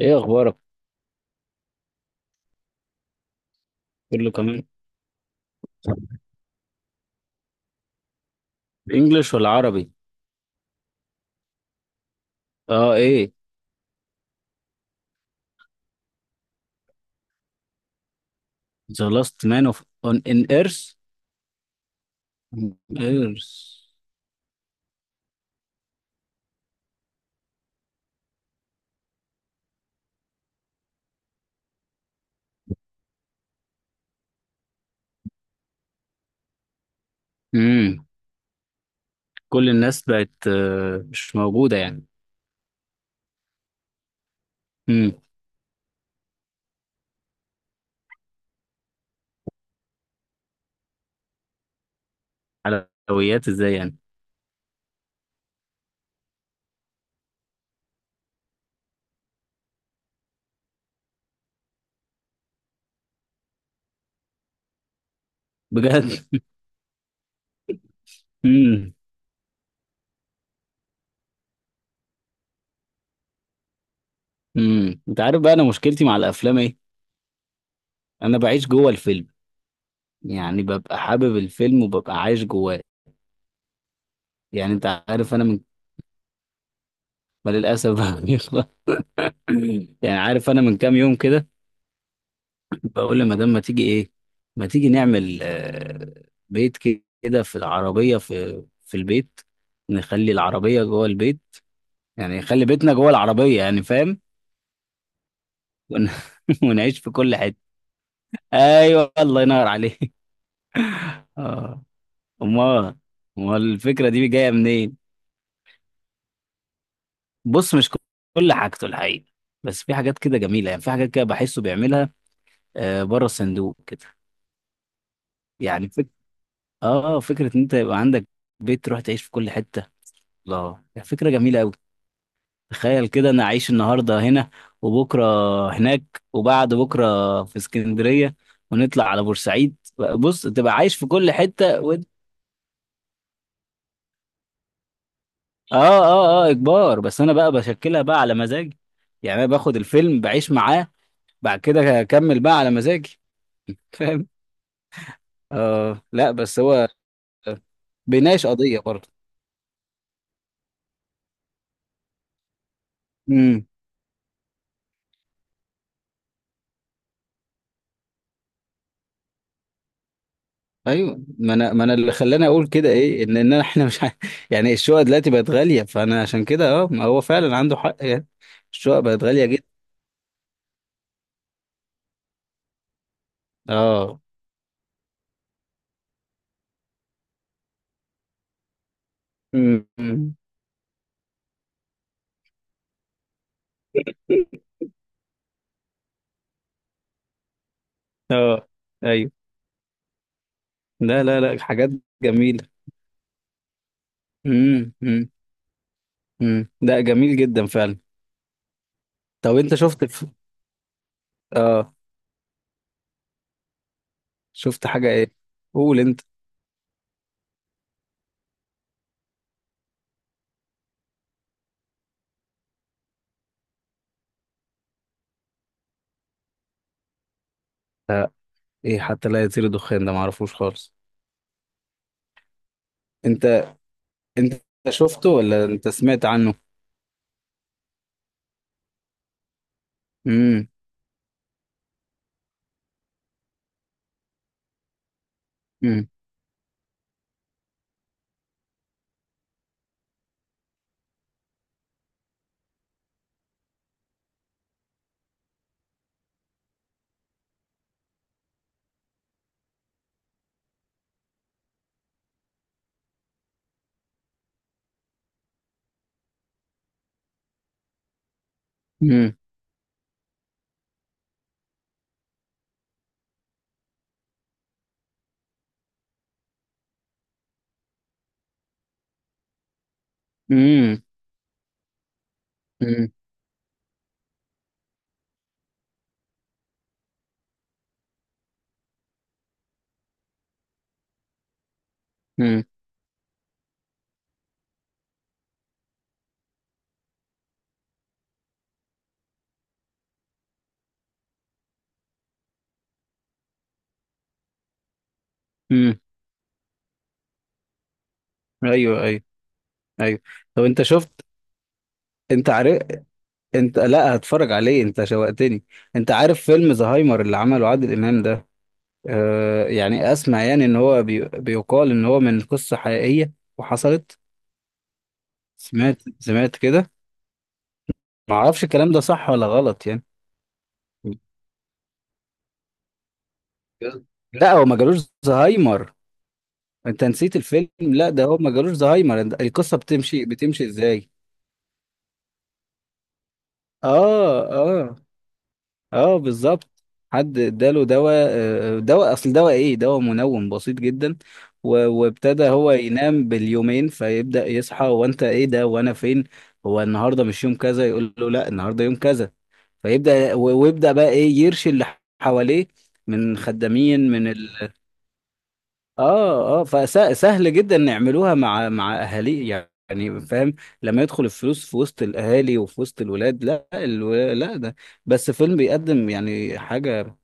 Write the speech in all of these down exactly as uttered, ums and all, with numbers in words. ايه اخبارك؟ كله كمان. انجلش ولا عربي؟ اه، ايه. The last man of on in earth earth. امم كل الناس بقت آه، مش موجودة يعني. امم حلويات ازاي يعني؟ بجد. امم امم انت عارف بقى انا مشكلتي مع الافلام ايه؟ انا بعيش جوه الفيلم، يعني ببقى حابب الفيلم وببقى عايش جواه. يعني انت عارف انا من، ما للاسف بيخلص. يعني عارف انا من كام يوم كده بقول لمدام ما تيجي ايه، ما تيجي نعمل آه، بيت كده في العربية، في في البيت، نخلي العربية جوه البيت، يعني نخلي بيتنا جوه العربية، يعني فاهم. ون... ونعيش في كل حتة. ايوه الله ينور عليك. اه، امال، امال الفكرة دي جاية منين؟ بص، مش كل حاجته الحقيقة، بس في حاجات كده جميلة، يعني في حاجات كده بحسه بيعملها آه، بره الصندوق كده. يعني فك... اه، فكرة ان انت يبقى عندك بيت تروح تعيش في كل حتة، الله، يعني فكرة جميلة أوي. تخيل كده أنا أعيش النهاردة هنا، وبكرة هناك، وبعد بكرة في اسكندرية، ونطلع على بورسعيد. بص، تبقى عايش في كل حتة و... آه آه، آه، إجبار، بس أنا بقى بشكلها بقى على مزاجي، يعني أنا باخد الفيلم بعيش معاه، بعد كده أكمل بقى على مزاجي. فاهم؟ آه، لا بس هو بيناقش قضية برضه. ايوه، ما انا ما انا اللي خلاني اقول كده، ايه، ان ان احنا مش ع- يعني الشقق دلوقتي بقت غاليه، فانا عشان كده اه، ما هو فعلا عنده حق يعني، الشقق بقت غاليه جدا. اه. أمم. اه. ايوه. لا لا لا، حاجات جميله. امم امم أمم. لا جميل جدا فعلا. طب انت شفت في... اه، شفت حاجه ايه؟ قول انت. لا، ايه حتى لا يطير دخان ده؟ معرفوش خالص. انت، انت شفته ولا انت سمعت عنه؟ امم امم امم امم امم امم ايوه ايوه ايوه. طب انت شفت، انت عارف، انت لا هتفرج عليه، انت شوقتني. انت عارف فيلم زهايمر اللي عمله عادل امام ده؟ آه، يعني اسمع، يعني ان هو بي... بيقال ان هو من قصة حقيقية وحصلت. سمعت، سمعت كده، ما اعرفش الكلام ده صح ولا غلط يعني. بجد؟ لا هو ما جالوش زهايمر، انت نسيت الفيلم، لا ده هو ما جالوش زهايمر، القصة بتمشي بتمشي ازاي؟ اه اه اه، بالظبط. حد اداله دواء، آه، دواء، اصل دواء ايه، دواء منوم بسيط جدا. و- وابتدى هو ينام باليومين، فيبدأ يصحى، وانت ايه ده وانا فين؟ هو النهارده مش يوم كذا؟ يقول له لا، النهارده يوم كذا. فيبدأ و- ويبدأ بقى ايه يرشي اللي حواليه من خدامين، من اه اه، فسهل جدا نعملوها مع مع اهالي، يعني فاهم. لما يدخل الفلوس في وسط الاهالي وفي وسط الولاد، لا الو... لا، ده بس فيلم بيقدم يعني حاجه،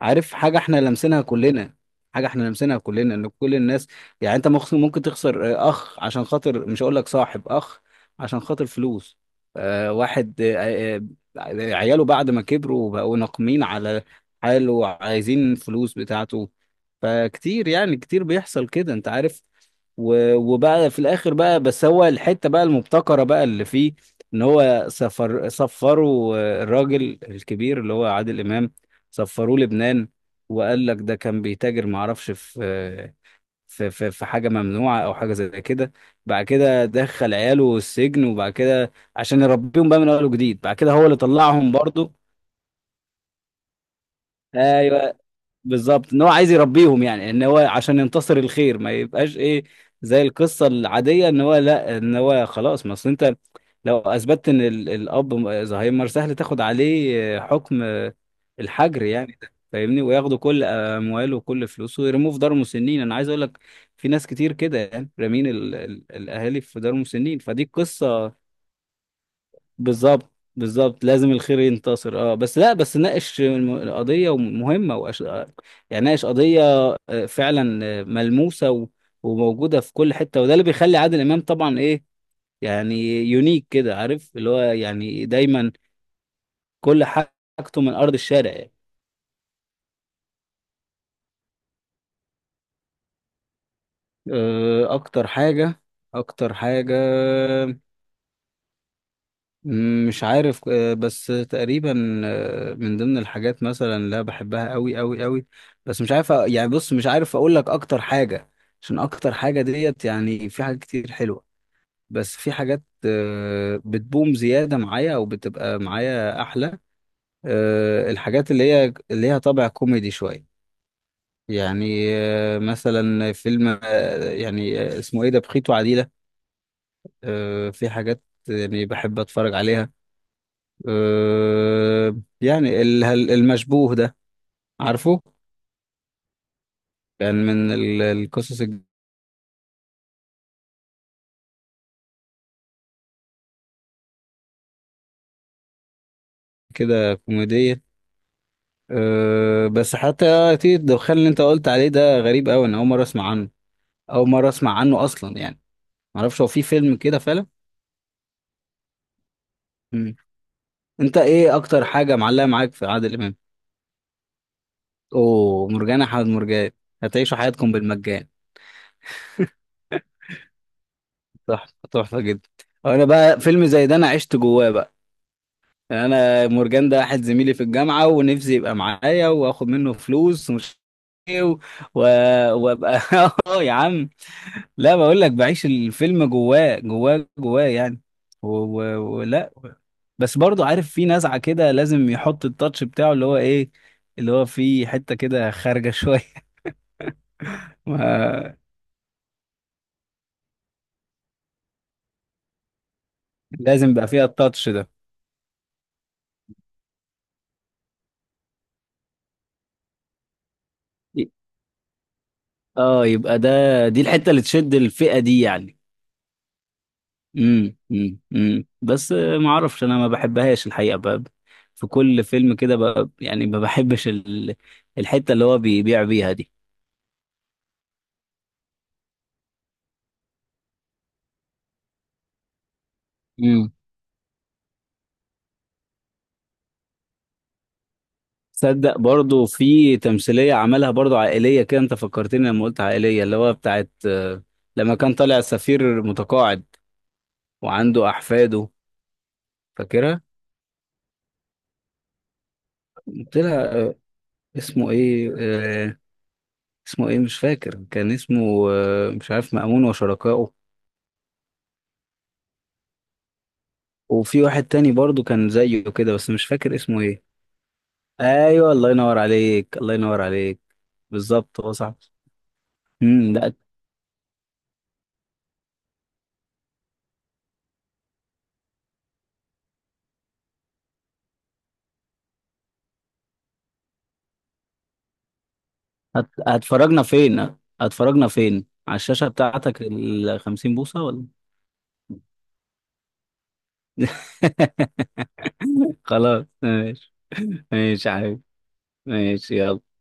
عارف حاجه احنا لمسناها كلنا، حاجه احنا لمسناها كلنا، ان كل الناس، يعني انت مخ- ممكن تخسر آه، اخ عشان خاطر، مش هقول لك صاحب، اخ عشان خاطر فلوس، آه واحد آه، آه، عياله بعد ما كبروا بقوا ناقمين على حاله وعايزين فلوس بتاعته. فكتير، يعني كتير بيحصل كده، انت عارف. و- وبقى في الاخر بقى، بس هو الحته بقى المبتكره بقى اللي فيه، ان هو سفر سفروا الراجل الكبير اللي هو عادل امام، سفروه لبنان. وقال لك ده كان بيتاجر، ما اعرفش في في في في حاجه ممنوعه او حاجه زي كده. بعد كده دخل عياله السجن، وبعد كده عشان يربيهم بقى من اول وجديد، بعد كده هو اللي طلعهم برضه. ايوه، بالظبط، ان هو عايز يربيهم، يعني ان هو عشان ينتصر الخير، ما يبقاش ايه زي القصه العاديه ان هو لا، ان هو خلاص. ما اصل انت لو اثبتت ان ال- الاب م- زهايمر، سهل تاخد عليه آه، حكم، آه، الحجر، يعني ده فاهمني، وياخدوا كل امواله وكل فلوسه ويرموه في دار مسنين. انا عايز اقول لك في ناس كتير كده، يعني رامين ال- ال- الاهالي في دار مسنين، فدي قصه. بالظبط، بالظبط لازم الخير ينتصر. اه بس لا، بس ناقش الم- القضية مهمة وأش... يعني ناقش قضية آه، فعلا آه، ملموسة و... وموجودة في كل حتة، وده اللي بيخلي عادل إمام طبعا ايه، يعني يونيك كده، عارف اللي هو يعني دايما كل حاجته من أرض الشارع يعني. آه، اكتر حاجة، اكتر حاجة، مم، مش عارف، آه، بس تقريبا، آه، من ضمن الحاجات مثلا اللي أنا بحبها قوي قوي قوي، بس مش عارف أ- يعني بص مش عارف اقول لك اكتر حاجة، عشان اكتر حاجة ديت، يعني في حاجات كتير حلوة، بس في حاجات آه، بتبوم زيادة معايا او بتبقى معايا احلى. آه، الحاجات اللي هي اللي ليها طابع كوميدي شوية، يعني آه، مثلا فيلم آه، يعني آه، اسمه ايه ده، بخيت وعديلة. آه، في حاجات يعني بحب اتفرج عليها. أه، يعني ال- هل- المشبوه ده، عارفه، كان من ال- القصص الج- كده كوميدية. أه بس حتى تيجي الدخان اللي انت قلت عليه ده، غريب قوي، انا اول مرة اسمع عنه، اول مرة اسمع عنه اصلا يعني. معرفش هو في فيلم كده فعلا. مم. انت ايه اكتر حاجة معلقة معاك في عادل امام؟ اوه، مرجان، احمد مرجان، هتعيشوا حياتكم بالمجان. تحفة، تحفة جدا. انا بقى فيلم زي ده انا عشت جواه بقى، يعني انا مورجان ده واحد زميلي في الجامعه، ونفسي يبقى معايا واخد منه فلوس ومش إيه، و- و- وابقى اه يا عم، لا بقول لك بعيش الفيلم جواه جواه جواه يعني، و- و- ولا. بس برضو عارف في نزعه كده لازم يحط التاتش بتاعه اللي هو ايه، اللي هو في حته كده خارجه شويه. ما لازم يبقى فيها التاتش ده. ي- اه، يبقى ده، دي الحته اللي تشد الفئه دي يعني. امم امم امم بس ما اعرفش، انا ما بحبهاش الحقيقه، ب- في كل فيلم كده، ب- يعني ما بحبش ال- الحته اللي هو بيبيع بيها دي. امم صدق، برضو في تمثيليه عملها برضو عائليه كده، انت فكرتني لما قلت عائليه، اللي هو بتاعت آه، لما كان طالع سفير متقاعد وعنده احفاده، فاكرها؟ قلت لها اسمه ايه، آه، اسمه ايه، مش فاكر، كان اسمه آه، مش عارف، مأمون وشركائه. وفي واحد تاني برضو كان زيه كده، بس مش فاكر اسمه ايه. ايوه الله ينور عليك، الله ينور عليك، بالظبط، هو صح. امم. لا هت... هتفرجنا فين، هتفرجنا فين على الشاشة بتاعتك ال خمسين بوصة ولا؟ خلاص ماشي. ماشي يا حبيبي، ماشي يلا.